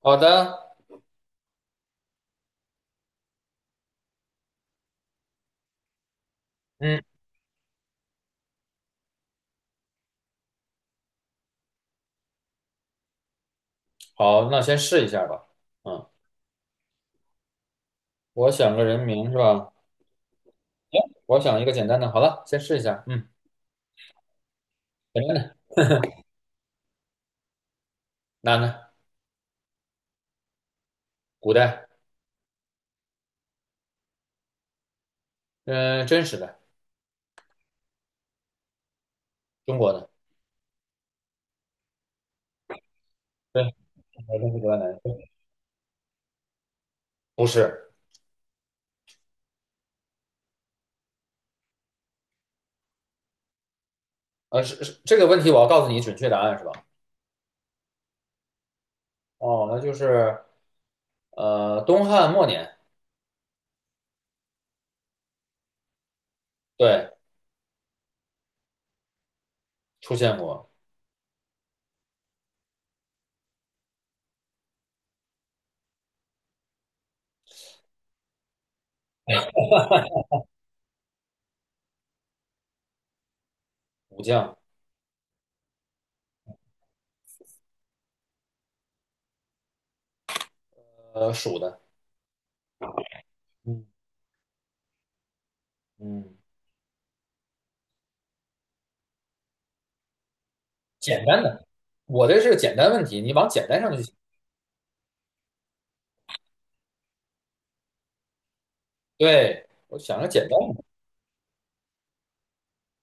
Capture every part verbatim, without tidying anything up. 好的，嗯，好，那先试一下吧。嗯，我想个人名是吧？我想一个简单的，好了，先试一下。嗯，简单的，男的，古代，嗯、真实的，中国的，对，真实古代男的，不是，呃，是是这个问题，我要告诉你准确答案是吧？哦，那就是呃，东汉末年，对，出现过武将，呃，蜀的，嗯嗯，简单的，我这是个简单问题，你往简单上去想。对，我想个简单的。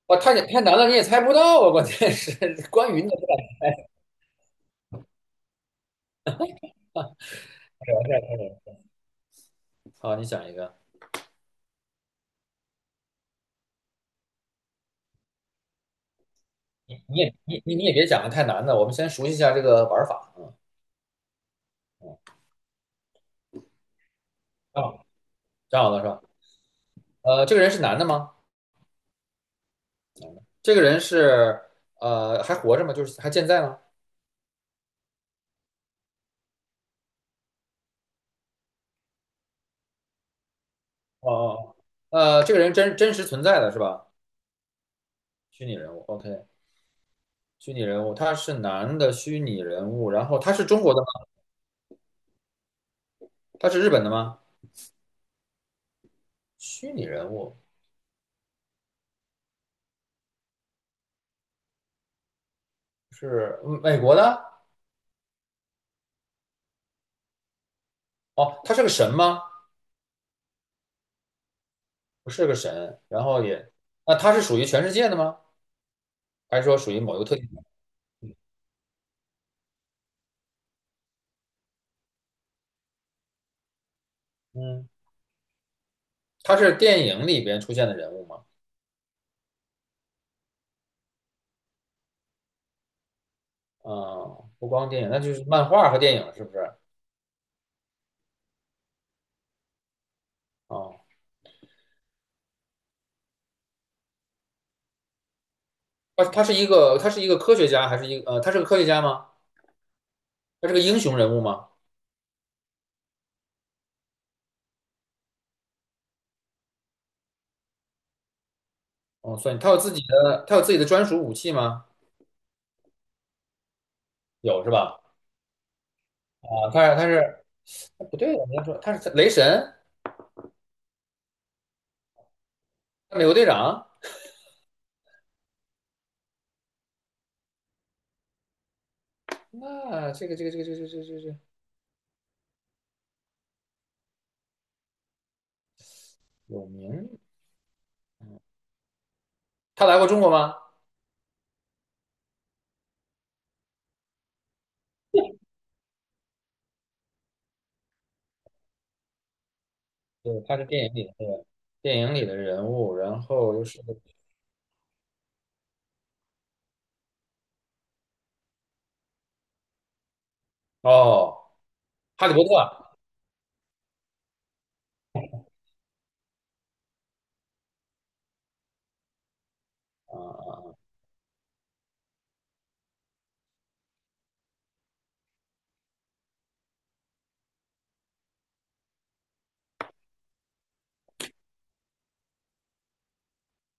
哇，太简太难了，你也猜不到啊！关键是 关于那个，好，你想一个，你你也你你你也别讲的太难的，我们先熟悉一下这个玩法啊。啊，这好了是吧？呃，这个人是男的吗？这个人是呃还活着吗？就是还健在吗？哦哦哦，呃，这个人真真实存在的是吧？虚拟人物，OK，虚拟人物，他是男的虚拟人物，然后他是中国的吗？他是日本的吗？虚拟人物是美国的？哦，他是个神吗？不是个神，然后也，那他是属于全世界的吗？还是说属于某一个特定的？嗯，他是电影里边出现的人物吗？嗯，不光电影，那就是漫画和电影，是不是？哦，他他是一个他是一个科学家，还是一个呃，他是个科学家吗？他是个英雄人物吗？哦，算，他有自己的他有自己的专属武器吗？有是吧？啊，他是他是不对我你要说他是雷神，美国队长，那这个这个这个这个这个这个这个有名，他来过中国吗？对，他是电影里的那个电影里的人物，然后又是哦，哈利波特啊啊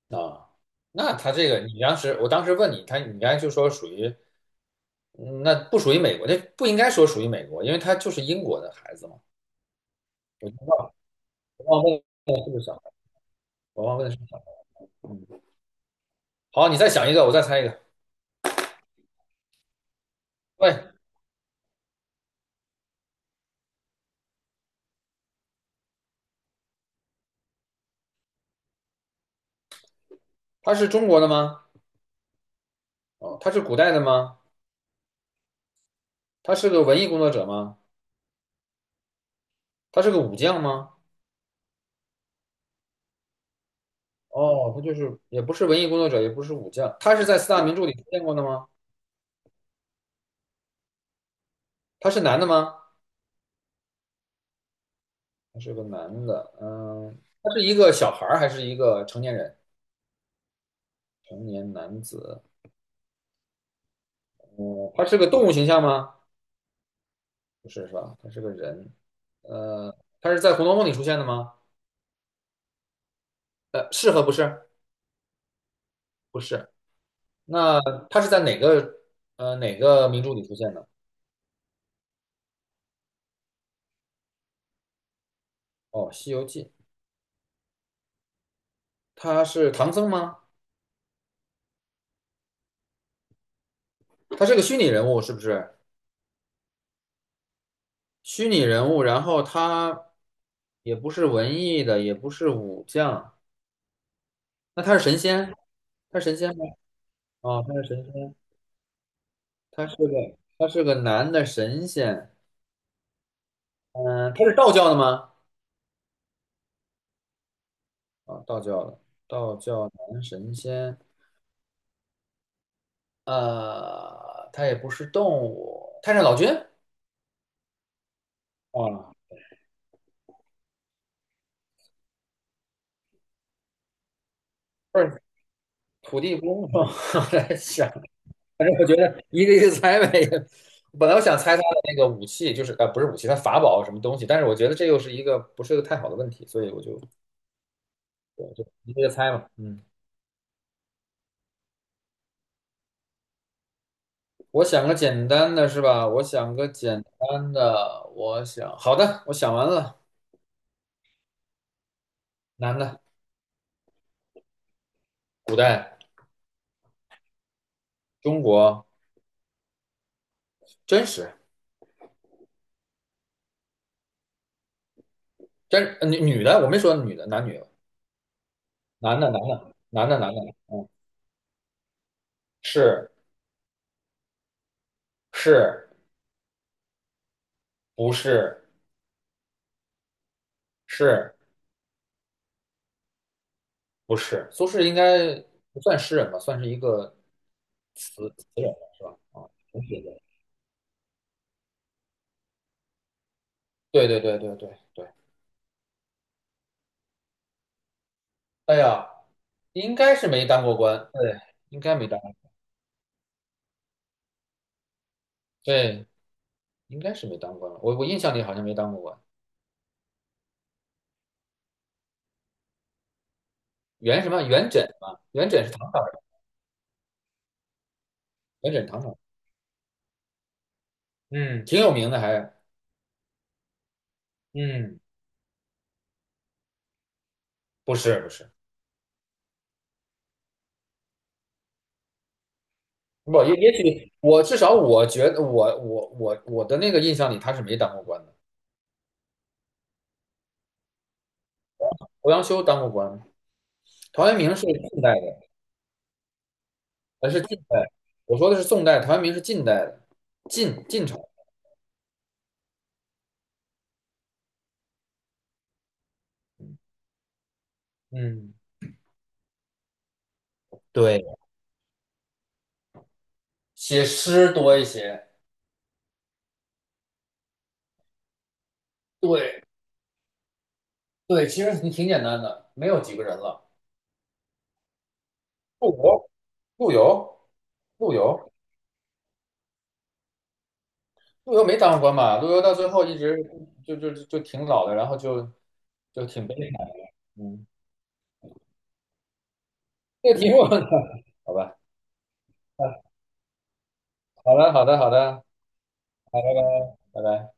啊！那他这个，你当时我当时问你，他你刚才就说属于嗯那不属于美国，那不应该说属于美国，因为他就是英国的孩子嘛。我我忘问了是不是小孩，我忘问了是不是小孩。好，你再想一个，我再猜一个。喂，他是中国的吗？哦，他是古代的吗？他是个文艺工作者吗？他是个武将吗？哦，他就是也不是文艺工作者，也不是武将，他是在四大名著里出现过的吗？他是男的吗？他是个男的，嗯，他是一个小孩儿还是一个成年人？成年男子，嗯，他是个动物形象吗？不是，是吧？他是个人，呃，他是在《红楼梦》里出现的吗？呃，是和不是？不是。那他是在哪个呃哪个名著里出现的？哦，《西游记》。他是唐僧吗？他是个虚拟人物，是不是？虚拟人物，然后他也不是文艺的，也不是武将，那他是神仙？他是神仙吗？哦，他是神仙。他是个他是个男的神仙，嗯、他是道教的吗？啊、道教的，道教男神仙，呃，他也不是动物，太上老君啊，不是土地公吗？我在想，反正我觉得一个一个猜呗。本来我想猜他的那个武器，就是呃，不是武器，他法宝什么东西，但是我觉得这又是一个不是个太好的问题，所以我就我就一个一个猜吧，嗯。我想个简单的是吧？我想个简单的，我想，好的，我想完了。男的，中国真实真呃女女的，我没说女的，男女男的男的男的男的，嗯，是是不是是不是？苏轼应该不算诗人吧，算是一个词词人吧，是吧？啊，文学家。对对对对对对，哎呀，应该是没当过官，对，应该没当，过对，应该是没当官了。我我印象里好像没当过官。元什么？元稹嘛，元稹是唐朝人，元稹唐朝人，嗯，挺有名的还，嗯，不是不是。不，也也许我至少我觉得我我我我的那个印象里他是没当过官的，欧阳修当过官，陶渊明是近代的，呃是近代，我说的是宋代，陶渊明是近代的，晋晋朝，嗯，对，写诗多一些，对对，其实你挺简单的，没有几个人了，陆游，陆游，陆游，陆游没当过官吧？陆游到最后一直就就就就挺老的，然后就就挺悲惨的，嗯，这个题目 好吧，啊，好了，好的，好的。好的好的拜拜。